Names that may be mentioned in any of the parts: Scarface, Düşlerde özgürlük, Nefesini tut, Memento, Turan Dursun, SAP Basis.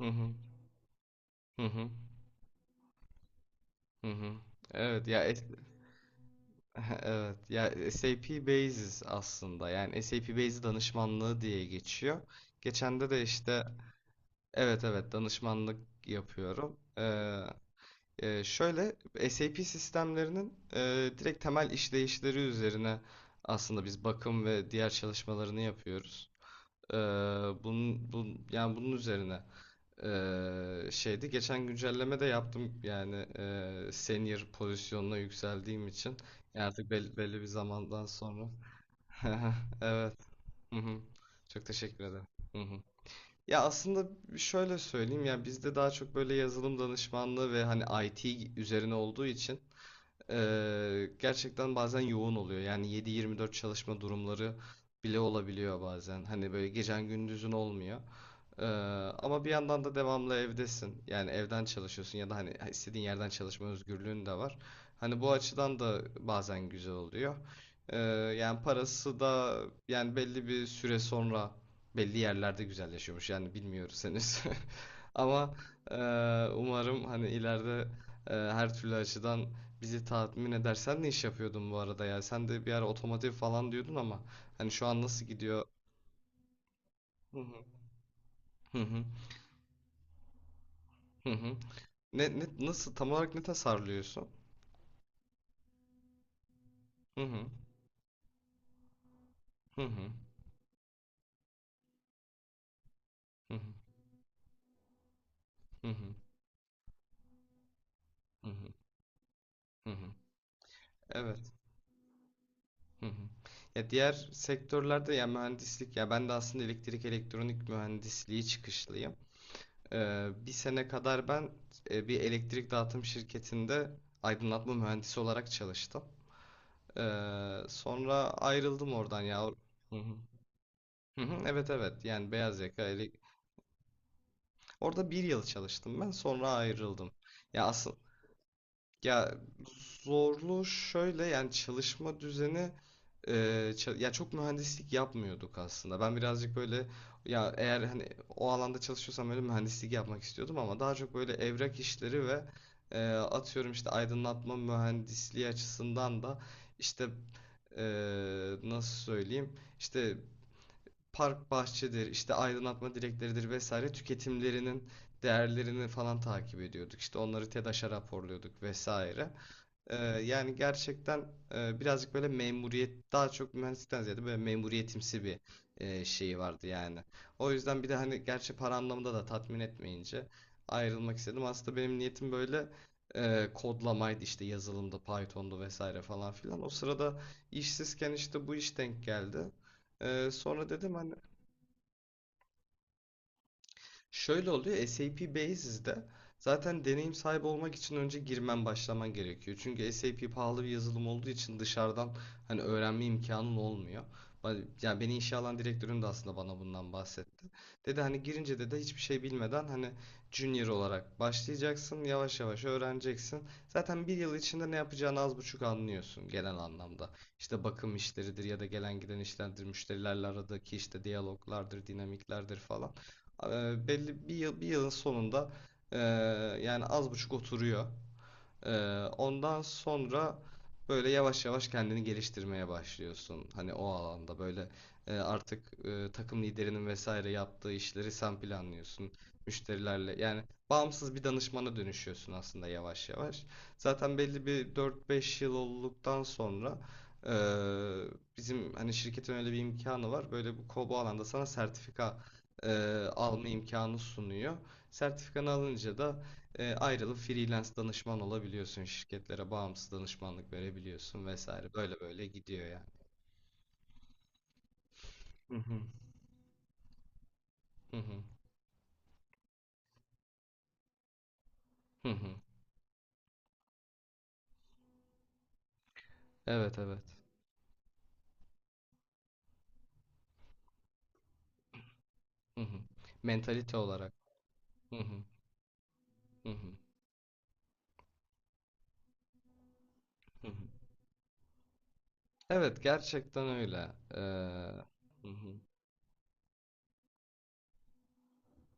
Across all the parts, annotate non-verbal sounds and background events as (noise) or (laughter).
Hı hı. Hı hı. Hı hı. Evet ya (laughs) evet ya SAP Basis aslında, yani SAP Basis danışmanlığı diye geçiyor. Geçende de işte evet evet danışmanlık yapıyorum. Şöyle, SAP sistemlerinin direkt temel işleyişleri üzerine aslında biz bakım ve diğer çalışmalarını yapıyoruz. Ee, yani bunun üzerine şeydi, geçen güncelleme de yaptım, yani senior pozisyonuna yükseldiğim için. Yani artık belli bir zamandan sonra (laughs) evet. Hı hı. Çok teşekkür ederim. Hı hı. Ya aslında şöyle söyleyeyim, ya bizde daha çok böyle yazılım danışmanlığı ve hani IT üzerine olduğu için gerçekten bazen yoğun oluyor, yani 7-24 çalışma durumları bile olabiliyor, bazen hani böyle gecen gündüzün olmuyor. ee, Ama bir yandan da devamlı evdesin. Yani evden çalışıyorsun ya da hani istediğin yerden çalışma özgürlüğün de var. Hani bu açıdan da bazen güzel oluyor. Ee, yani parası da, yani belli bir süre sonra belli yerlerde güzelleşiyormuş. Yani bilmiyoruz henüz. (laughs) Ama e, umarım hani ileride her türlü açıdan bizi tatmin eder. Sen ne iş yapıyordun bu arada ya? Sen de bir ara otomotiv falan diyordun ama hani şu an nasıl gidiyor? Hı hı. Hı hı. Hı hı. Ne nasıl, tam olarak ne tasarlıyorsun? Hı hı. Hı hı. Hı hı. Hı hı. Hı hı. Hı hı. Evet. Hı hı. Ya diğer sektörlerde ya mühendislik, ya ben de aslında elektrik elektronik mühendisliği çıkışlıyım. Bir sene kadar ben bir elektrik dağıtım şirketinde aydınlatma mühendisi olarak çalıştım. Sonra ayrıldım oradan, ya. Hı hı. Hı hı, evet evet, yani beyaz yaka orada bir yıl çalıştım ben, sonra ayrıldım. Ya asıl, ya zorlu şöyle, yani çalışma düzeni e, ya çok mühendislik yapmıyorduk aslında. Ben birazcık böyle, ya eğer hani o alanda çalışıyorsam öyle mühendislik yapmak istiyordum, ama daha çok böyle evrak işleri ve atıyorum işte aydınlatma mühendisliği açısından da işte e, nasıl söyleyeyim, işte park bahçedir, işte aydınlatma direkleridir vesaire, tüketimlerinin değerlerini falan takip ediyorduk. İşte onları TEDAŞ'a raporluyorduk vesaire. Yani gerçekten birazcık böyle memuriyet, daha çok mühendislikten ziyade böyle memuriyetimsi bir şeyi vardı yani. O yüzden bir de hani gerçi para anlamında da tatmin etmeyince ayrılmak istedim. Aslında benim niyetim böyle kodlamaydı, işte yazılımda Python'du vesaire falan filan. O sırada işsizken işte bu iş denk geldi. Sonra dedim hani. Şöyle oluyor, SAP Basis'de zaten deneyim sahibi olmak için önce girmen, başlaman gerekiyor. Çünkü SAP pahalı bir yazılım olduğu için dışarıdan hani öğrenme imkanın olmuyor. Yani beni işe alan direktörüm de aslında bana bundan bahsetti. Dedi hani, girince de hiçbir şey bilmeden hani junior olarak başlayacaksın, yavaş yavaş öğreneceksin. Zaten bir yıl içinde ne yapacağını az buçuk anlıyorsun genel anlamda. İşte bakım işleridir ya da gelen giden işlerdir, müşterilerle aradaki işte diyaloglardır, dinamiklerdir falan. Belli bir yılın sonunda eee, yani az buçuk oturuyor. Ee, ondan sonra böyle yavaş yavaş kendini geliştirmeye başlıyorsun. Hani o alanda böyle artık takım liderinin vesaire yaptığı işleri sen planlıyorsun. Müşterilerle, yani bağımsız bir danışmana dönüşüyorsun aslında yavaş yavaş. Zaten belli bir 4-5 yıl olduktan sonra e, bizim hani şirketin öyle bir imkanı var. Böyle bu alanda sana sertifika e, alma imkanı sunuyor. Sertifikanı alınca da ayrılıp freelance danışman olabiliyorsun. Şirketlere bağımsız danışmanlık verebiliyorsun vesaire. Böyle böyle gidiyor yani. Hı hı. Hı hı. Hı hı. Evet evet. Hı hı. Mentalite olarak. Hı hı. Hı hı. Hı hı. Evet, gerçekten öyle. Ee, hı hı.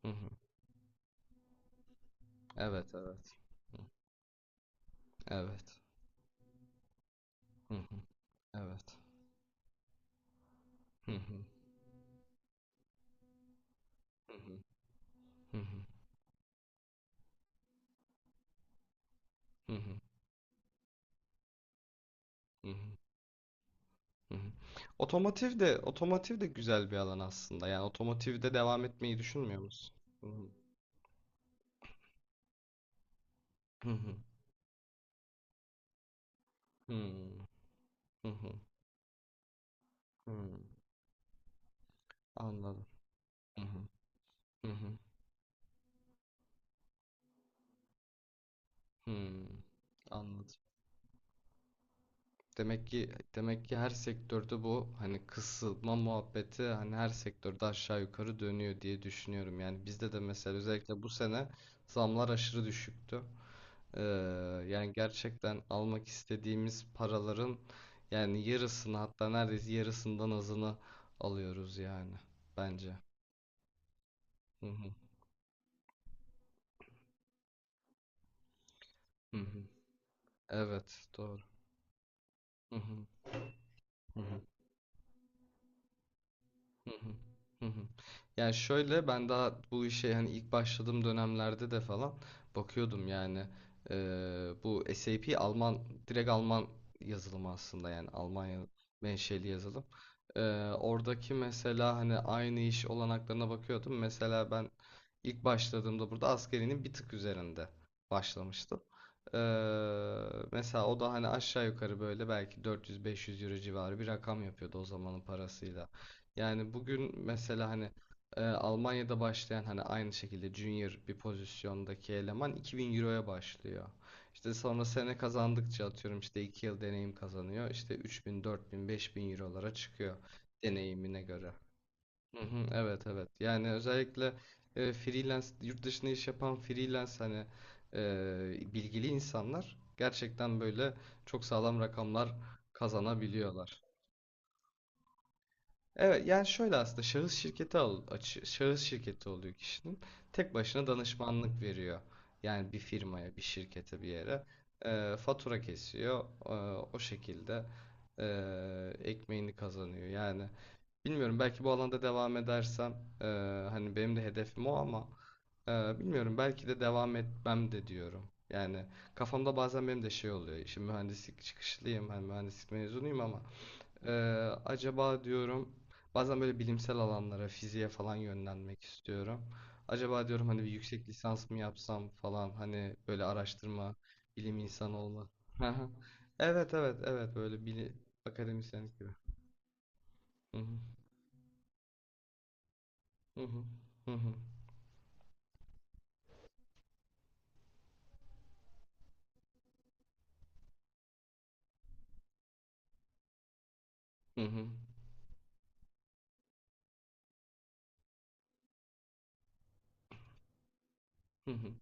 Hı hı. Evet evet. Hı. Evet. Hı hı. Evet. Hı hı. Hı hı. Hı hı. Hı hı. Hı hı. Hı hı. Otomotiv de, otomotiv de güzel bir alan aslında. Yani otomotivde devam etmeyi düşünmüyor musun? Hı hı. Hı hı. Hı hı. Hı. Hmm. Anladım. Hı hı. Hı hı. Hı. Anladım. Demek ki, demek ki her sektörde bu hani kısılma muhabbeti, hani her sektörde aşağı yukarı dönüyor diye düşünüyorum. Yani bizde de mesela özellikle bu sene zamlar aşırı düşüktü. Ee, yani gerçekten almak istediğimiz paraların, yani yarısını, hatta neredeyse yarısından azını alıyoruz yani bence. Hı hı. Hı hı. Evet, doğru. Hı hı. Hı hı. Hı hı. Yani şöyle, ben daha bu işe hani ilk başladığım dönemlerde de falan bakıyordum yani. Bu SAP Alman, direkt Alman yazılımı aslında, yani Almanya menşeli yazılım. Eee, oradaki mesela hani aynı iş olanaklarına bakıyordum. Mesela ben ilk başladığımda burada askerinin bir tık üzerinde başlamıştım. Eee, mesela o da hani aşağı yukarı böyle belki 400-500 euro civarı bir rakam yapıyordu o zamanın parasıyla. Yani bugün mesela hani Almanya'da başlayan, hani aynı şekilde junior bir pozisyondaki eleman 2000 euroya başlıyor. İşte sonra sene kazandıkça atıyorum işte 2 yıl deneyim kazanıyor. İşte 3000, 4000, 5000 eurolara çıkıyor deneyimine göre. Hı hı, evet evet. Yani özellikle freelance, yurt dışında iş yapan freelance hani bilgili insanlar gerçekten böyle çok sağlam rakamlar kazanabiliyorlar. Evet, yani şöyle aslında şahıs şirketi şahıs şirketi oluyor kişinin. Tek başına danışmanlık veriyor. Yani bir firmaya, bir şirkete, bir yere fatura kesiyor. O şekilde ekmeğini kazanıyor. Yani bilmiyorum belki bu alanda devam edersem ee, hani benim de hedefim o, ama bilmiyorum belki de devam etmem de diyorum. Yani kafamda bazen benim de şey oluyor. Şimdi mühendislik çıkışlıyım, hani mühendislik mezunuyum, ama ee, acaba diyorum bazen böyle bilimsel alanlara, fiziğe falan yönlenmek istiyorum. Acaba diyorum hani bir yüksek lisans mı yapsam falan, hani böyle araştırma, bilim insanı olma. (laughs) Aha. Evet evet evet, böyle bilim, akademisyenlik gibi. Hı hı, hı hı, hı hı, hı hı, hı hı,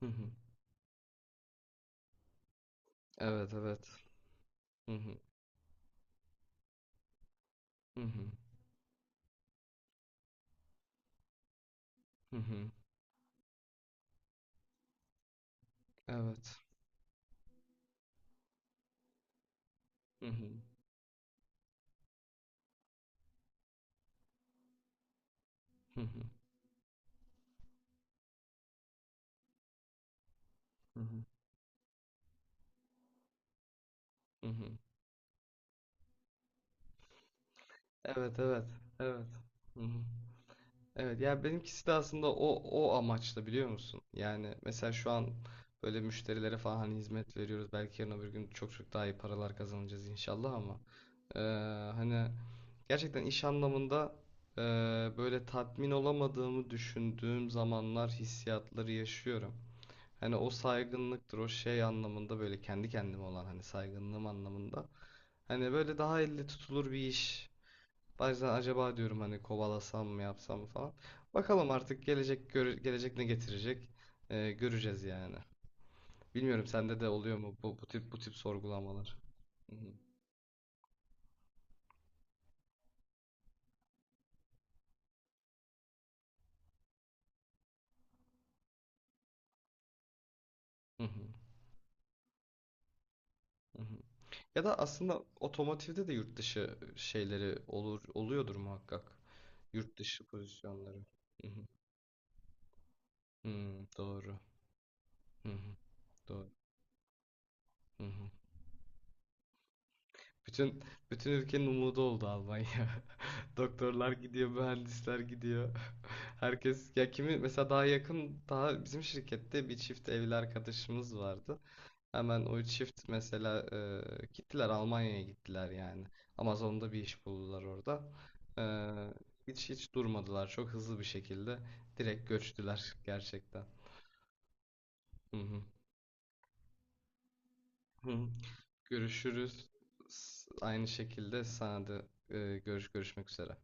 hı hı. Evet evet. Hı hı, hı hı, hı hı. Evet. Hı, hı hı, hı hı, hı hı. Evet evet evet. Hı hı. Evet ya benimkisi de aslında o amaçla, biliyor musun? Yani mesela şu an böyle müşterilere falan hani hizmet veriyoruz. Belki yarın öbür gün çok çok daha iyi paralar kazanacağız inşallah, ama eee, hani gerçekten iş anlamında eee, böyle tatmin olamadığımı düşündüğüm zamanlar, hissiyatları yaşıyorum. Hani o saygınlıktır, o şey anlamında, böyle kendi kendime olan hani saygınlığım anlamında. Hani böyle daha elle tutulur bir iş. Bazen acaba diyorum hani kovalasam mı, yapsam mı falan. Bakalım artık gelecek gelecek ne getirecek. Göreceğiz yani. Bilmiyorum sende de oluyor mu bu tip bu tip sorgulamalar? Hı hı, hı hı, hı hı. Ya da aslında otomotivde de yurt dışı şeyleri olur, oluyordur muhakkak. Yurt dışı pozisyonları. Hı hı. Hı, doğru. Hı hı, doğru. Hı hı. Bütün bütün ülkenin umudu oldu Almanya. (laughs) Doktorlar gidiyor, mühendisler gidiyor. (laughs) Herkes ya, kimi mesela daha yakın, daha bizim şirkette bir çift evli arkadaşımız vardı. Hemen o çift mesela gittiler, Almanya'ya gittiler yani. Amazon'da bir iş buldular orada. E, hiç hiç durmadılar. Çok hızlı bir şekilde direkt göçtüler gerçekten. Hı hı. Hı hı. Görüşürüz. Aynı şekilde sana da görüşmek üzere.